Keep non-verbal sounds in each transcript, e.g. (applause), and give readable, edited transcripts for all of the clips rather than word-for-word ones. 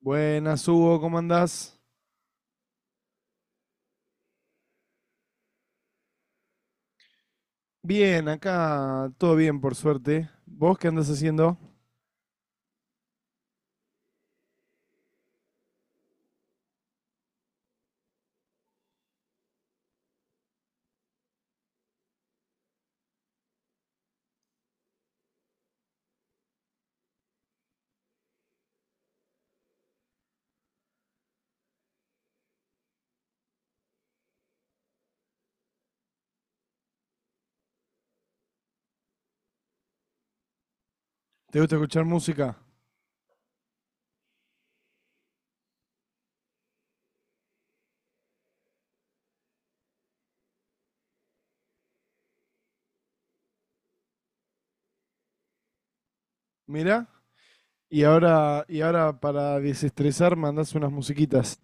Buenas, Hugo, ¿cómo andás? Bien, acá todo bien, por suerte. ¿Vos qué andás haciendo? ¿Te gusta escuchar música? Mira, y ahora para desestresar mandás unas musiquitas.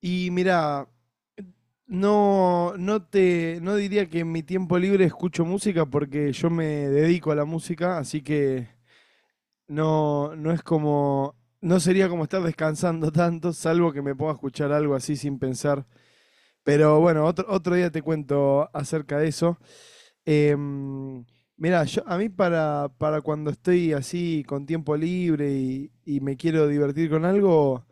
Y mira, no diría que en mi tiempo libre escucho música porque yo me dedico a la música, así que no, no es como, no sería como estar descansando (laughs) tanto, salvo que me pueda escuchar algo así sin pensar. Pero bueno, otro día te cuento acerca de eso. Em, Mirá, a mí para cuando estoy así con tiempo libre y me quiero divertir con algo,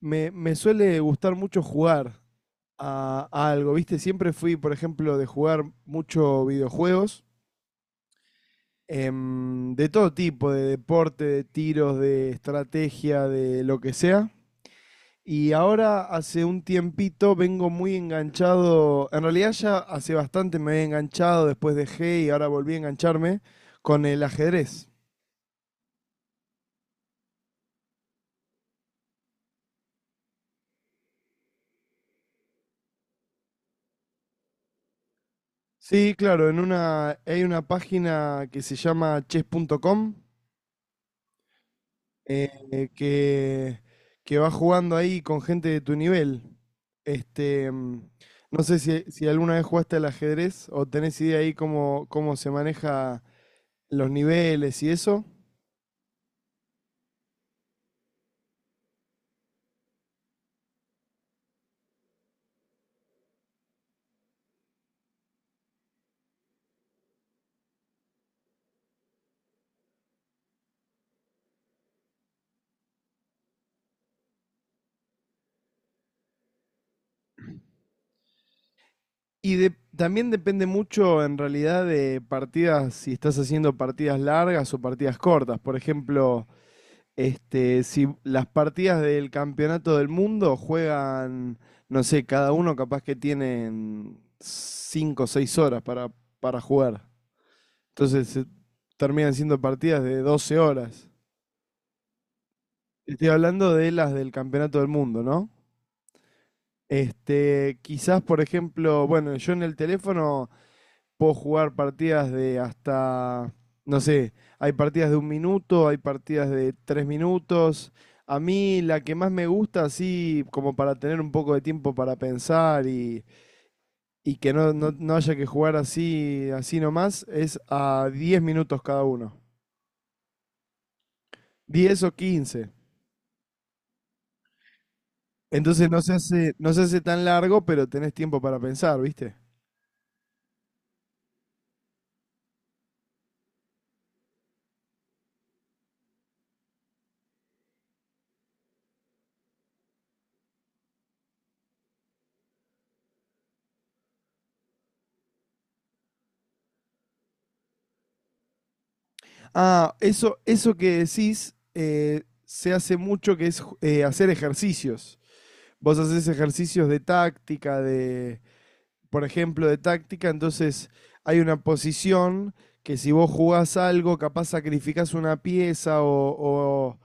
me suele gustar mucho jugar a algo, ¿viste? Siempre fui, por ejemplo, de jugar mucho videojuegos, de todo tipo, de deporte, de tiros, de estrategia, de lo que sea. Y ahora hace un tiempito vengo muy enganchado, en realidad ya hace bastante me había enganchado, después dejé y ahora volví a engancharme con el ajedrez. Sí, claro, hay una página que se llama chess.com, eh, que, que va jugando ahí con gente de tu nivel. Este, no sé si alguna vez jugaste al ajedrez o tenés idea ahí cómo, cómo se maneja los niveles y eso. Y también depende mucho en realidad de partidas, si estás haciendo partidas largas o partidas cortas. Por ejemplo, este, si las partidas del campeonato del mundo juegan, no sé, cada uno capaz que tienen 5 o 6 horas para jugar. Entonces terminan siendo partidas de 12 horas. Estoy hablando de las del campeonato del mundo, ¿no? Este, quizás, por ejemplo, bueno, yo en el teléfono puedo jugar partidas de hasta, no sé, hay partidas de 1 minuto, hay partidas de 3 minutos. A mí la que más me gusta, así como para tener un poco de tiempo para pensar y, que no haya que jugar así, así nomás, es a 10 minutos cada uno, 10 o 15. Entonces no se hace, no se hace tan largo, pero tenés tiempo para pensar, ¿viste? Ah, eso que decís, se hace mucho que es, hacer ejercicios. Vos haces ejercicios de táctica, por ejemplo, de táctica, entonces hay una posición que si vos jugás algo, capaz sacrificás una pieza o,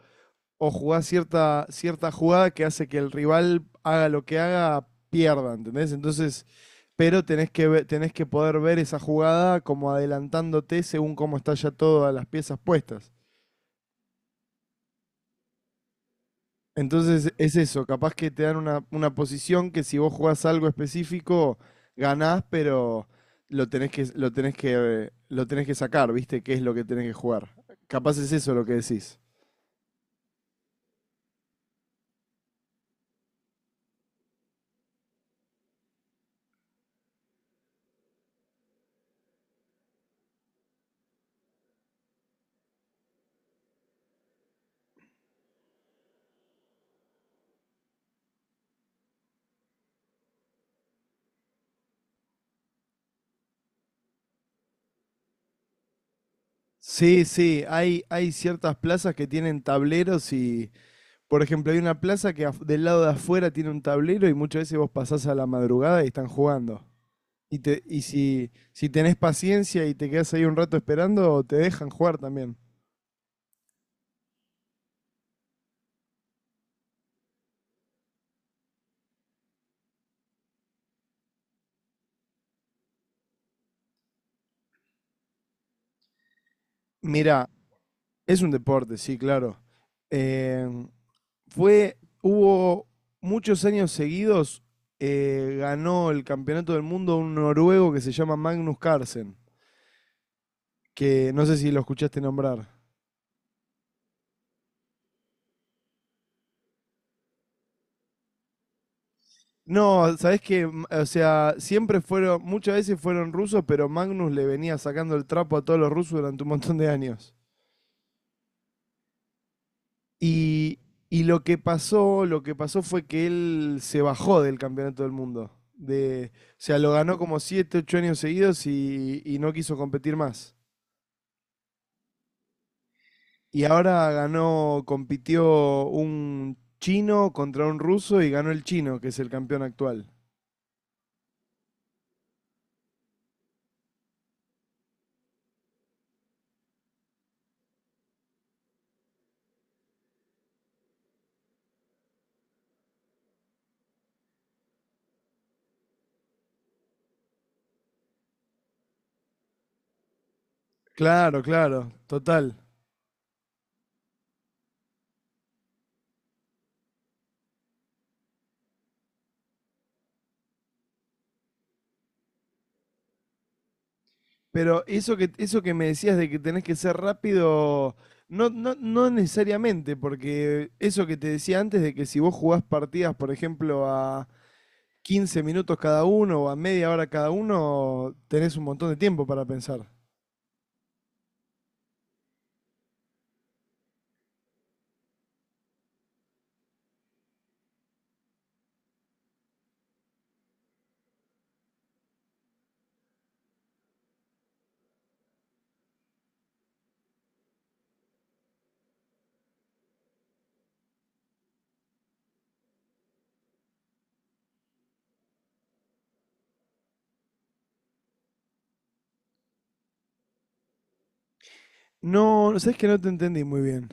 o jugás cierta jugada que hace que el rival haga lo que haga, pierda, ¿entendés? Entonces, pero tenés que, tenés que poder ver esa jugada como adelantándote según cómo está ya todas las piezas puestas. Entonces es eso, capaz que te dan una posición que si vos jugás algo específico, ganás, pero lo tenés que, lo tenés que, lo tenés que sacar, ¿viste? ¿Qué es lo que tenés que jugar? Capaz es eso lo que decís. Sí, sí, hay ciertas plazas que tienen tableros y, por ejemplo, hay una plaza que del lado de afuera tiene un tablero y muchas veces vos pasás a la madrugada y están jugando. Y si tenés paciencia y te quedás ahí un rato esperando, te dejan jugar también. Mira, es un deporte, sí, claro. Eh, Hubo muchos años seguidos, ganó el campeonato del mundo un noruego que se llama Magnus Carlsen, que no sé si lo escuchaste nombrar. No, sabes que, o sea, siempre fueron, muchas veces fueron rusos, pero Magnus le venía sacando el trapo a todos los rusos durante un montón de años. Y, y lo que pasó fue que él se bajó del campeonato del mundo. De, o sea, lo ganó como 7 8 años seguidos y no quiso competir más. Y ahora ganó, compitió un chino contra un ruso y ganó el chino, que es el campeón actual. Claro, claro, total. Pero eso que me decías de que tenés que ser rápido, no necesariamente, porque eso que te decía antes de que si vos jugás partidas, por ejemplo, a, 15 minutos cada uno o a media hora cada uno, tenés un montón de tiempo para pensar. No, sabes que no te entendí muy bien.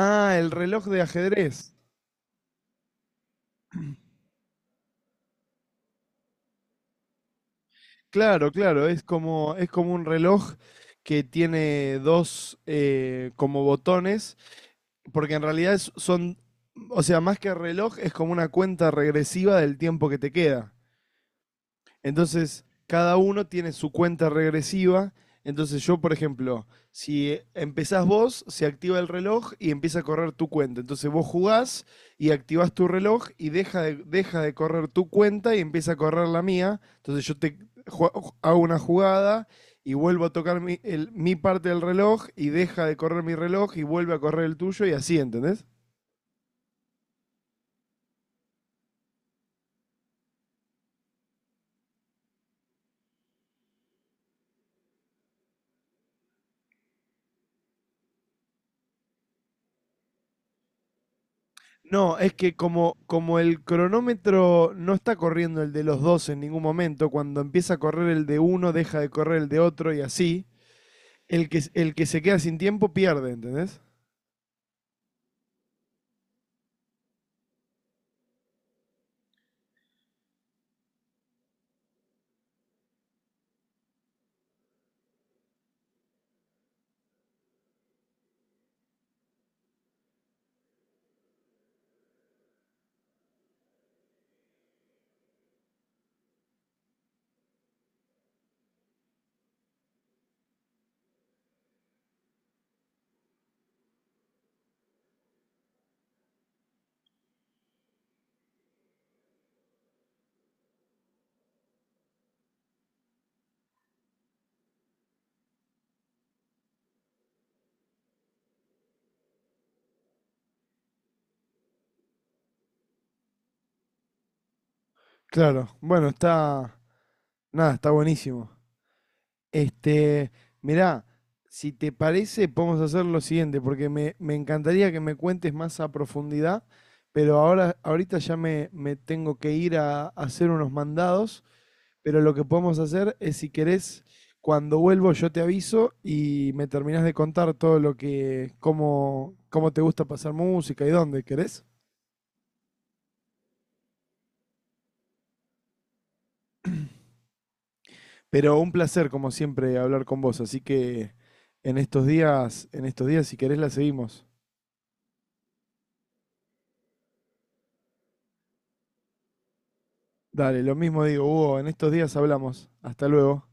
Ah, el reloj de ajedrez. Claro, claro, es como un reloj que tiene dos, como botones, porque en realidad son, o sea, más que reloj, es como una cuenta regresiva del tiempo que te queda. Entonces, cada uno tiene su cuenta regresiva. Entonces, yo, por ejemplo, si empezás vos, se activa el reloj y empieza a correr tu cuenta. Entonces, vos jugás y activás tu reloj y deja de correr tu cuenta y empieza a correr la mía. Entonces, yo te hago una jugada y vuelvo a tocar mi parte del reloj y deja de correr mi reloj y vuelve a correr el tuyo y así, ¿entendés? No, es que como, como el cronómetro no está corriendo el de los dos en ningún momento, cuando empieza a correr el de uno, deja de correr el de otro y así, el que se queda sin tiempo pierde, ¿entendés? Claro, bueno, nada, está buenísimo. Este, mirá, si te parece, podemos hacer lo siguiente, porque me encantaría que me cuentes más a profundidad, pero ahorita ya me tengo que ir a hacer unos mandados. Pero lo que podemos hacer es, si querés, cuando vuelvo yo te aviso y me terminás de contar todo lo que, cómo, cómo te gusta pasar música y dónde, ¿querés? Pero un placer, como siempre, hablar con vos. Así que en estos días, si querés, la seguimos. Dale, lo mismo digo, Hugo, en estos días hablamos. Hasta luego.